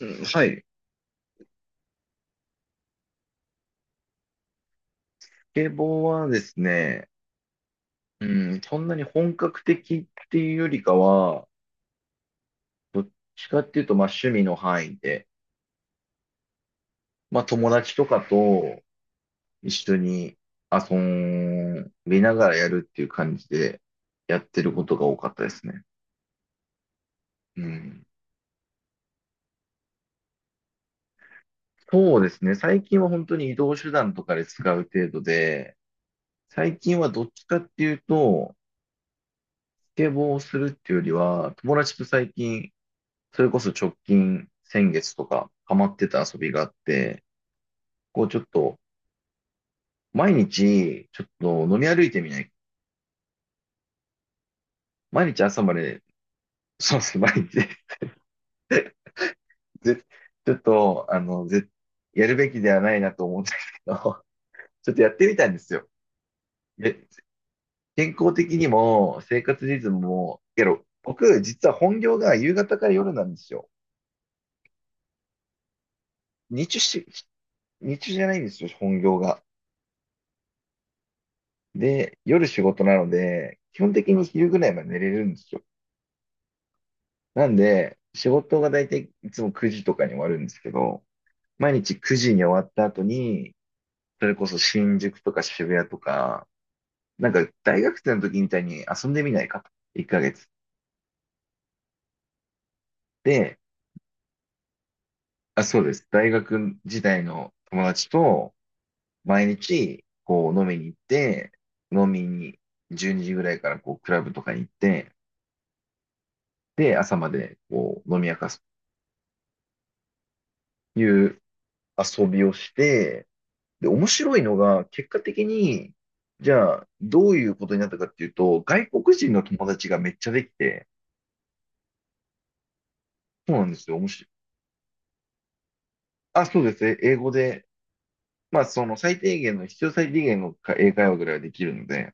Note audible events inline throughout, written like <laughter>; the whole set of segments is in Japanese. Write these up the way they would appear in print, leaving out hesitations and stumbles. うんはい。スケボーはですね、うそんなに本格的っていうよりかは、どっちかっていうと、まあ趣味の範囲で、まあ友達とかと一緒に遊びながらやるっていう感じでやってることが多かったですね。うん。そうですね。最近は本当に移動手段とかで使う程度で、最近はどっちかっていうと、スケボーをするっていうよりは、友達と最近それこそ直近、先月とか、ハマってた遊びがあって、こうちょっと、毎日、ちょっと飲み歩いてみない、毎日朝まで、そうですね、毎日 <laughs> ぜちょっと、あの、ぜ、やるべきではないなと思うんですけど、<laughs> ちょっとやってみたんですよ。で、健康的にも、生活リズムも、けど、僕、実は本業が夕方から夜なんですよ。日中し、日中じゃないんですよ、本業が。で、夜仕事なので、基本的に昼ぐらいまで寝れるんですよ。なんで、仕事が大体いつも9時とかに終わるんですけど、毎日9時に終わった後に、それこそ新宿とか渋谷とか、なんか大学生の時みたいに遊んでみないかと。1ヶ月。で、あ、そうです。大学時代の友達と毎日こう飲みに行って、飲みに12時ぐらいからこうクラブとかに行って、で、朝までこう飲み明かすという遊びをして、で、面白いのが、結果的に、じゃあ、どういうことになったかっていうと、外国人の友達がめっちゃできて、そうなんですよ、面白い。あ、そうですね、英語で、まあ、その最低限の、必要最低限のか英会話ぐらいはできるので、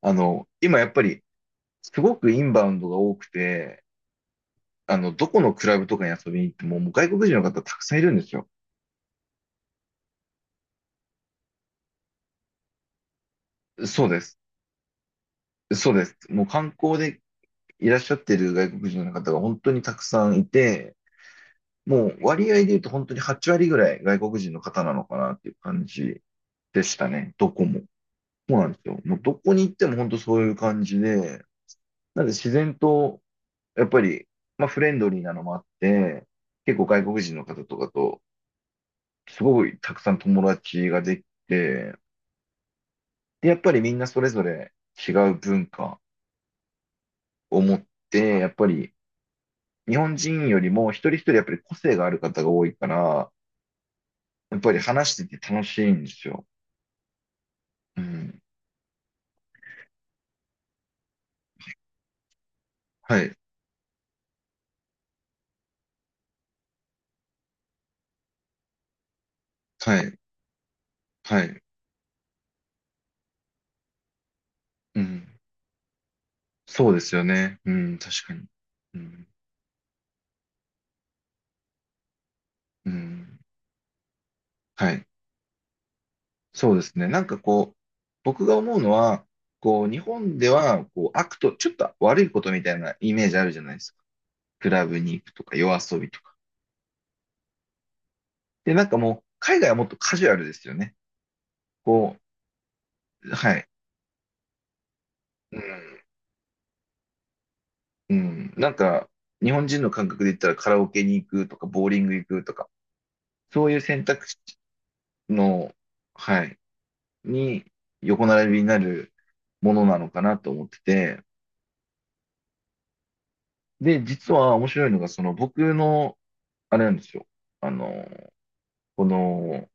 あの、今やっぱり、すごくインバウンドが多くて、あの、どこのクラブとかに遊びに行っても、もう外国人の方たくさんいるんですよ。そうです。そうです。もう観光でいらっしゃってる外国人の方が本当にたくさんいて、もう割合で言うと本当に8割ぐらい外国人の方なのかなっていう感じでしたね。どこも。そうなんですよ。もうどこに行っても本当そういう感じで、なんで自然と、やっぱり、まあフレンドリーなのもあって、結構外国人の方とかと、すごいたくさん友達ができて、で、やっぱりみんなそれぞれ違う文化を持って、やっぱり日本人よりも一人一人やっぱり個性がある方が多いから、やっぱり話してて楽しいんですよ。うん。はい。はい、はい、うん。そうですよね。うん、確かに。うん、うん、はい。そうですね。僕が思うのは、こう、日本では、こう、ちょっと悪いことみたいなイメージあるじゃないですか。クラブに行くとか、夜遊びとか。で、なんかもう、海外はもっとカジュアルですよね。こう、はい。うん、うん。なんか、日本人の感覚で言ったら、カラオケに行くとか、ボーリング行くとか、そういう選択肢の、はい。に横並びになるものなのかなと思ってて、で、実は面白いのが、その僕の、あれなんですよ。あの、この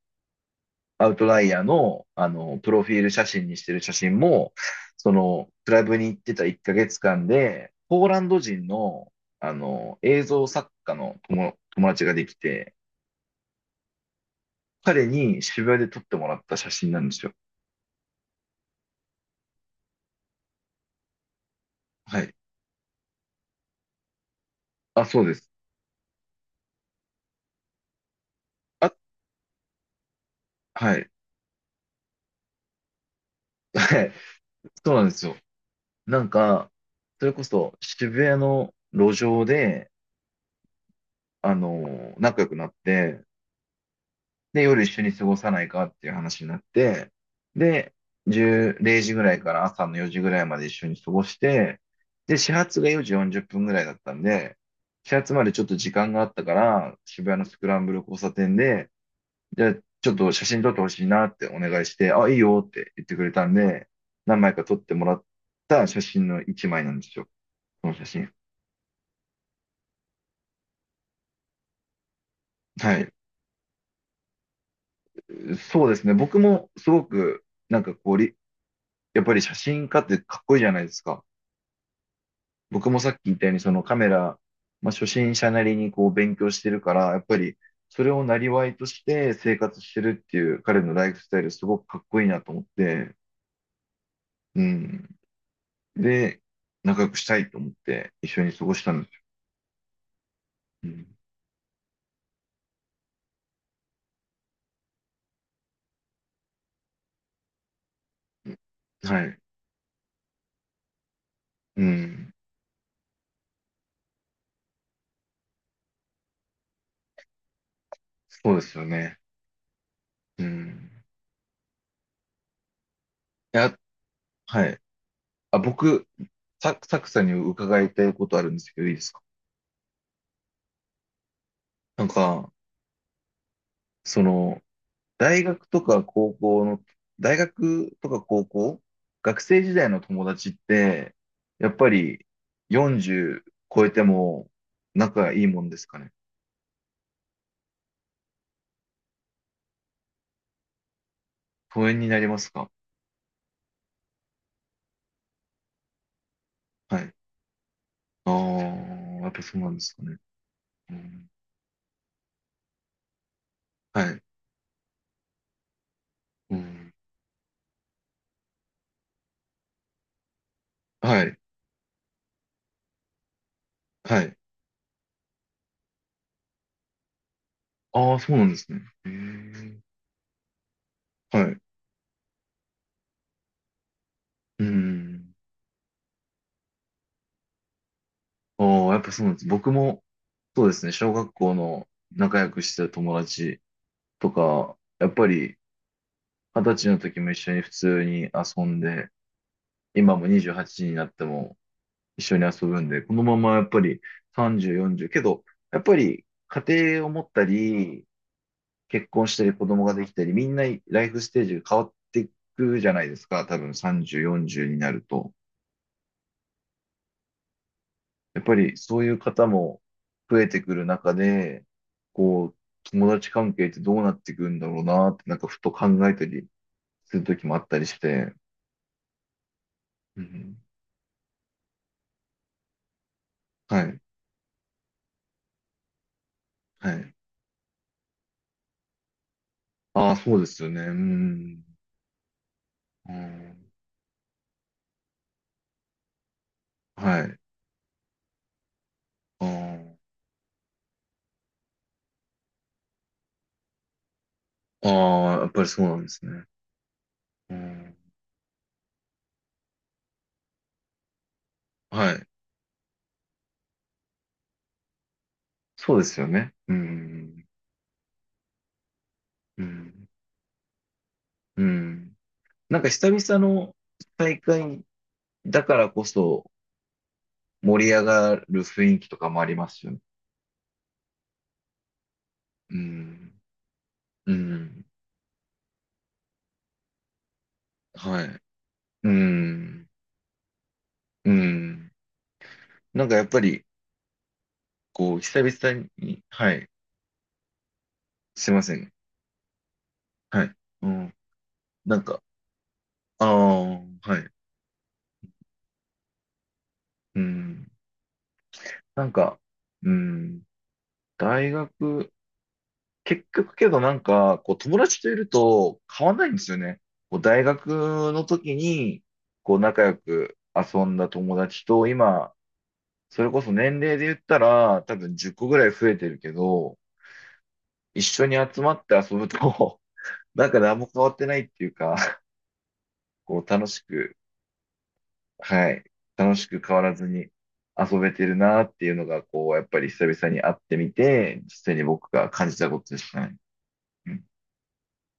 アウトライヤーの、あの、プロフィール写真にしてる写真も、その、クラブに行ってた1ヶ月間で、ポーランド人の、あの、映像作家の友、友達ができて、彼に渋谷で撮ってもらった写真なんですよ。はい。あ、そうです。あ、はい。はい。そうなんですよ。なんか、それこそ渋谷の路上で、あの、仲良くなって、で、夜一緒に過ごさないかっていう話になって、で、10、時ぐらいから朝の4時ぐらいまで一緒に過ごして、で、始発が4時40分ぐらいだったんで、始発までちょっと時間があったから、渋谷のスクランブル交差点で、じゃあちょっと写真撮ってほしいなってお願いして、あ、いいよって言ってくれたんで、何枚か撮ってもらった写真の1枚なんですよ。この写真。はい。そうですね。僕もすごく、なんかこうり、やっぱり写真家ってかっこいいじゃないですか。僕もさっき言ったように、そのカメラ、まあ、初心者なりにこう勉強してるから、やっぱりそれをなりわいとして生活してるっていう彼のライフスタイルすごくかっこいいなと思って、うん。で、仲良くしたいと思って一緒に過ごしたんですよ。うん、はい。うん。そうですよね。うん。いや、はい。あ、僕、サクサクさんに伺いたいことあるんですけど、いいですか？なんか、その、大学とか高校の、大学とか高校、学生時代の友達って、やっぱり40超えても仲がいいもんですかね？疎遠になりますか？はい。ああ、やっぱそうなんですかね。うん、はい。うん、はい。はい。ああ、そうなんですね。へえ。はい。うん。ああ、やっぱそうなんです。そうですね、小学校の仲良くしてた友達とか、やっぱり、二十歳の時も一緒に普通に遊んで、今も28になっても一緒に遊ぶんで、このままやっぱり30、40、けど、やっぱり家庭を持ったり、結婚したり子供ができたり、みんなライフステージが変わっていくじゃないですか。多分30、40になると。やっぱりそういう方も増えてくる中で、こう、友達関係ってどうなっていくんだろうなって、なんかふと考えたりする時もあったりして、うん、はい、はい。ああ、そうですよね。うん。うん、はい。ああ、ああやっぱりそうなんですね。うん、はい。そうですよね。うん。うん。うん。なんか久々の大会だからこそ盛り上がる雰囲気とかもありますよね。うん。うん。はい。うん。うん。なんかやっぱり、こう、久々に、はい。すいません。はい。うん。なんか、ああ、はい。うん。なんか、うん、大学、結局けどなんか、こう友達といると変わんないんですよね。こう大学の時に、こう仲良く遊んだ友達と、今、それこそ年齢で言ったら、多分10個ぐらい増えてるけど、一緒に集まって遊ぶと、<laughs> なんか何も変わってないっていうか、こう楽しく、はい、楽しく変わらずに遊べてるなっていうのが、こう、やっぱり久々に会ってみて、実際に僕が感じたことでしたね。うん